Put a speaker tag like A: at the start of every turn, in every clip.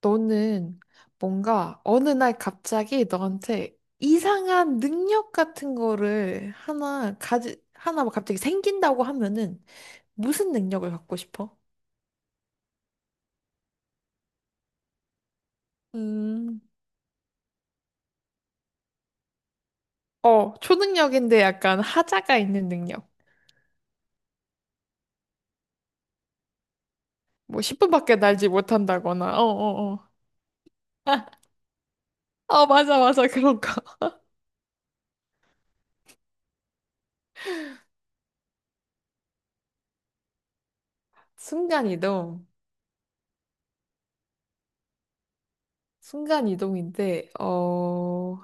A: 너는 뭔가 어느 날 갑자기 너한테 이상한 능력 같은 거를 하나 막 갑자기 생긴다고 하면은 무슨 능력을 갖고 싶어? 음, 초능력인데 약간 하자가 있는 능력. 뭐 10분밖에 날지 못한다거나. 맞아, 맞아, 그런 거. 순간이동. 순간이동인데,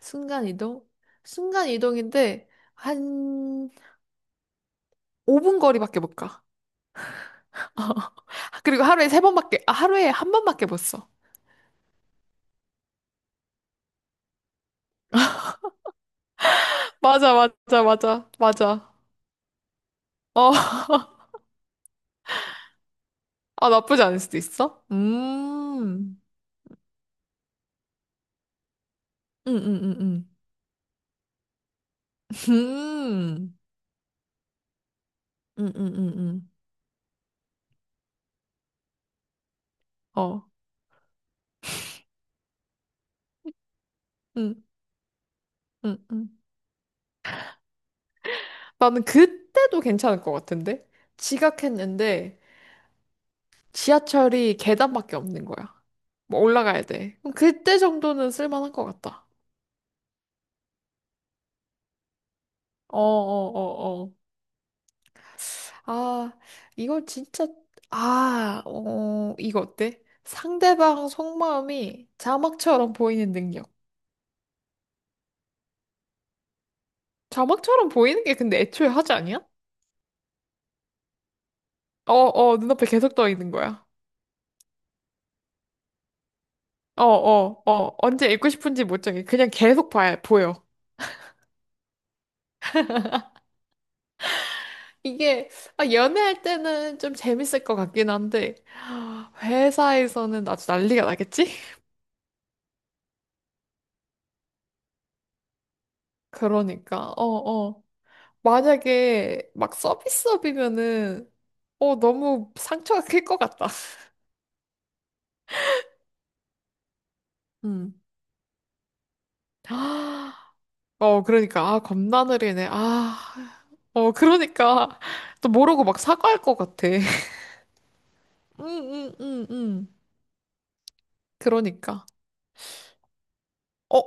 A: 순간이동? 순간이동인데, 한 5분 거리밖에 못 가. 어. 그리고 하루에 세 번밖에, 아, 하루에 한 번밖에 못 써. 맞아, 맞아, 맞아, 맞아. 어, 아, 나쁘지 않을 수도 있어? 음, 음, 음, 음, 음, 음, 음, 음, 음. 어, 음, 음, 음. 나는 그때도 괜찮을 것 같은데? 지각했는데 지하철이 계단밖에 없는 거야. 뭐 올라가야 돼. 그럼 그때 정도는 쓸만한 것 같다. 어, 어, 어, 어. 아, 이거 진짜, 아, 어, 이거 어때? 상대방 속마음이 자막처럼 보이는 능력. 자막처럼 보이는 게 근데 애초에 하지 아니야? 어, 어, 눈앞에 계속 떠 있는 거야. 어, 어, 어, 언제 읽고 싶은지 못 정해. 그냥 계속 보여. 이게, 아, 연애할 때는 좀 재밌을 것 같긴 한데, 아, 회사에서는 아주 난리가 나겠지? 그러니까. 만약에 막 서비스업이면은 너무 상처가 클 것 같다. 음. 그러니까 아 겁나 느리네. 아. 그러니까 또 모르고 막 사과할 것 같아. 응응응응. 그러니까. 어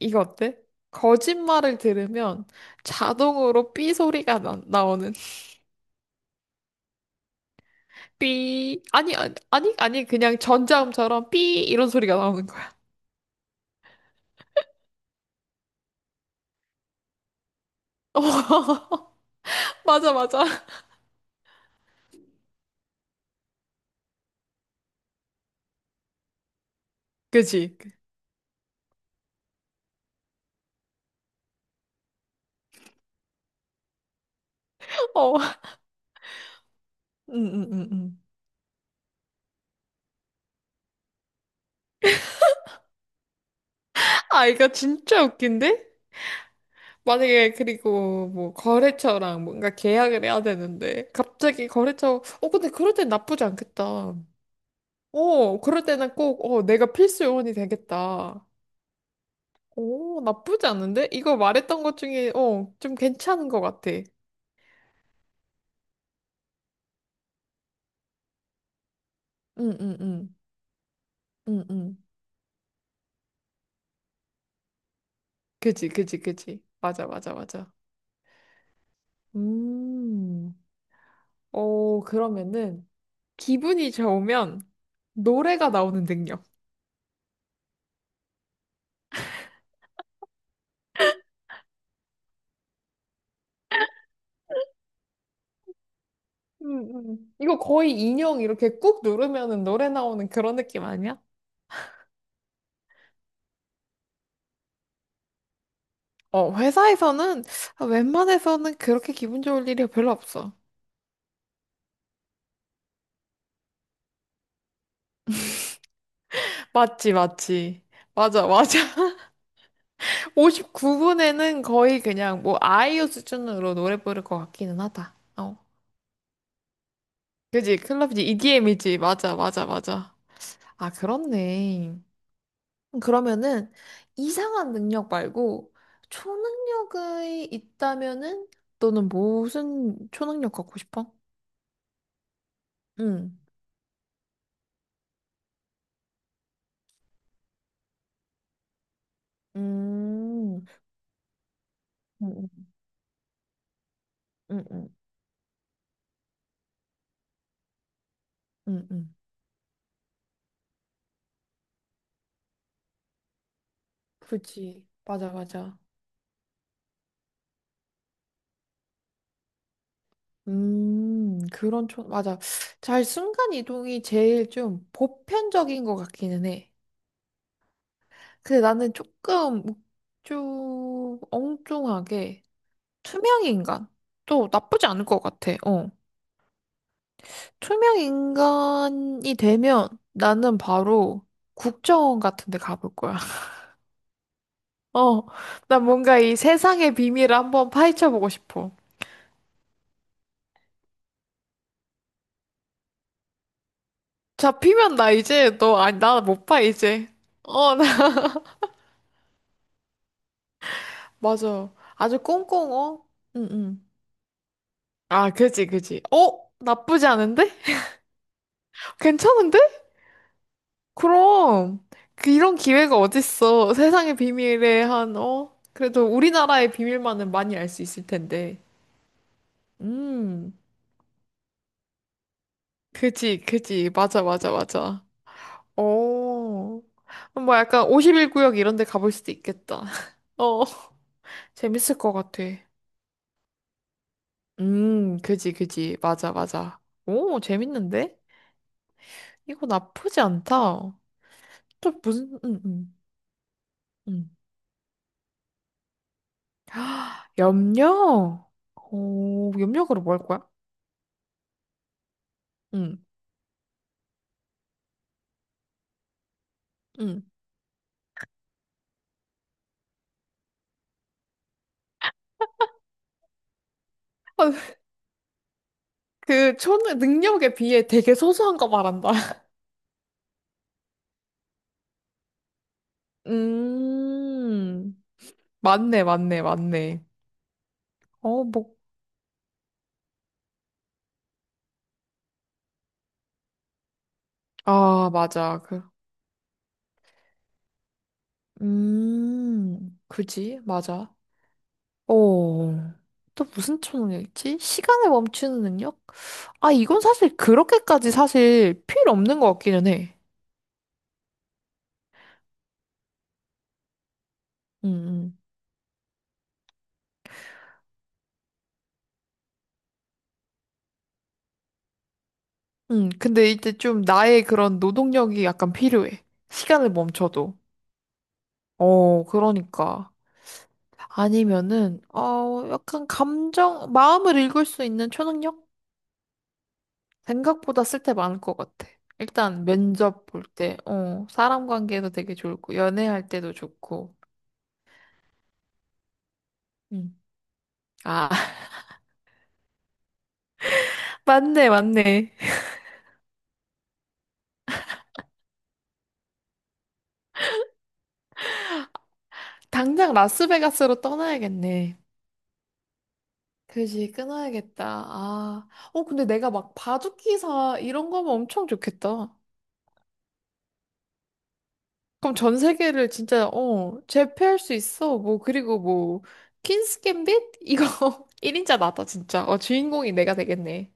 A: 이거 어때? 거짓말을 들으면 자동으로 삐 소리가 나오는 삐 아니 아니 아니 아니, 그냥 전자음처럼 삐 이런 소리가 나오는 거야. 어, 맞아 맞아. 그지? 어. 응응응응. 아, 이거 진짜 웃긴데? 만약에 그리고 뭐 거래처랑 뭔가 계약을 해야 되는데 갑자기 거래처 어 근데 그럴 땐 나쁘지 않겠다. 그럴 때는 꼭 내가 필수 요원이 되겠다. 오 나쁘지 않은데? 이거 말했던 것 중에 좀 괜찮은 것 같아. 응응응. 응응. 그지 그지 그지 맞아 맞아 맞아. 음. 그러면은 기분이 좋으면 노래가 나오는 능력. 이거 거의 인형 이렇게 꾹 누르면은 노래 나오는 그런 느낌 아니야? 회사에서는 웬만해서는 그렇게 기분 좋을 일이 별로 없어. 맞지, 맞지. 맞아, 맞아. 59분에는 거의 그냥 뭐 아이유 수준으로 노래 부를 것 같기는 하다. 어. 그지? 클럽이지, EDM이지. 맞아, 맞아, 맞아. 아, 그렇네. 그러면은 이상한 능력 말고 초능력이 있다면은 너는 무슨 초능력 갖고 싶어? 응, 음, 응, 응, 응, 응, 응. 그치. 맞아, 맞아. 맞아. 잘 순간 이동이 제일 좀 보편적인 것 같기는 해. 근데 나는 조금, 좀 엉뚱하게 투명 인간. 또 나쁘지 않을 것 같아. 어. 투명 인간이 되면 나는 바로 국정원 같은 데 가볼 거야. 어. 난 뭔가 이 세상의 비밀을 한번 파헤쳐 보고 싶어. 잡히면 나 이제 너 아니 나 못 봐 이제. 어, 나 맞아. 아주 꽁꽁. 응, 응. 아, 그지, 그지. 어? 나쁘지 않은데? 괜찮은데? 그럼 그 이런 기회가 어딨어. 세상의 비밀에 한? 그래도 우리나라의 비밀만은 많이 알 수 있을 텐데. 음. 그지, 그지. 맞아, 맞아, 맞아. 어. 뭐 약간 51구역 이런 데 가볼 수도 있겠다. 어. 재밌을 것 같아. 그지, 그지. 맞아, 맞아. 오, 재밌는데? 이거 나쁘지 않다. 또 무슨, 음. 아, 염력? 오, 염력으로 뭐 할 거야? 음, 음. 아, 그, 초 능력에 비해 되게 소소한 거 말한다. 음, 맞네, 맞네, 맞네. 어, 뭐, 아, 맞아. 그, 그지, 맞아. 어, 또 무슨 초능력이지? 시간을 멈추는 능력? 아, 이건 사실 그렇게까지 사실 필요 없는 것 같기는 해. 음, 근데 이제 좀 나의 그런 노동력이 약간 필요해. 시간을 멈춰도. 어, 그러니까. 아니면은, 약간 감정, 마음을 읽을 수 있는 초능력? 생각보다 쓸 때 많을 것 같아. 일단 면접 볼 때, 사람 관계도 되게 좋고, 연애할 때도 좋고. 음. 아, 맞네, 맞네. 당장 라스베가스로 떠나야겠네. 그지, 끊어야겠다. 아, 근데 내가 막 바둑기사 이런 거면 엄청 좋겠다. 그럼 전 세계를 진짜, 제패할 수 있어. 뭐, 그리고 뭐, 퀸스 갬빗? 이거 1인자 나다, 진짜. 어, 주인공이 내가 되겠네.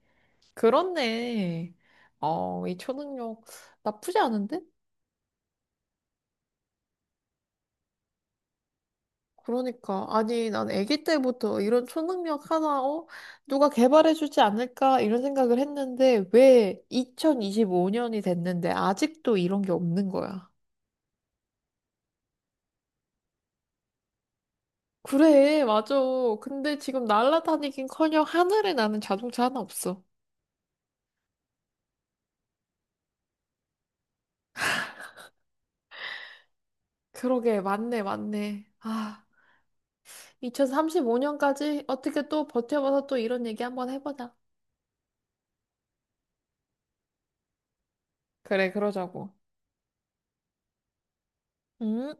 A: 그렇네. 어, 이 초능력 나쁘지 않은데? 그러니까 아니 난 아기 때부터 이런 초능력 하나 누가 개발해 주지 않을까 이런 생각을 했는데 왜 2025년이 됐는데 아직도 이런 게 없는 거야. 그래 맞아. 근데 지금 날아다니긴커녕 하늘에 나는 자동차 하나 없어. 그러게 맞네 맞네. 아 2035년까지 어떻게 또 버텨봐서 또 이런 얘기 한번 해보자. 그래 그러자고. 음.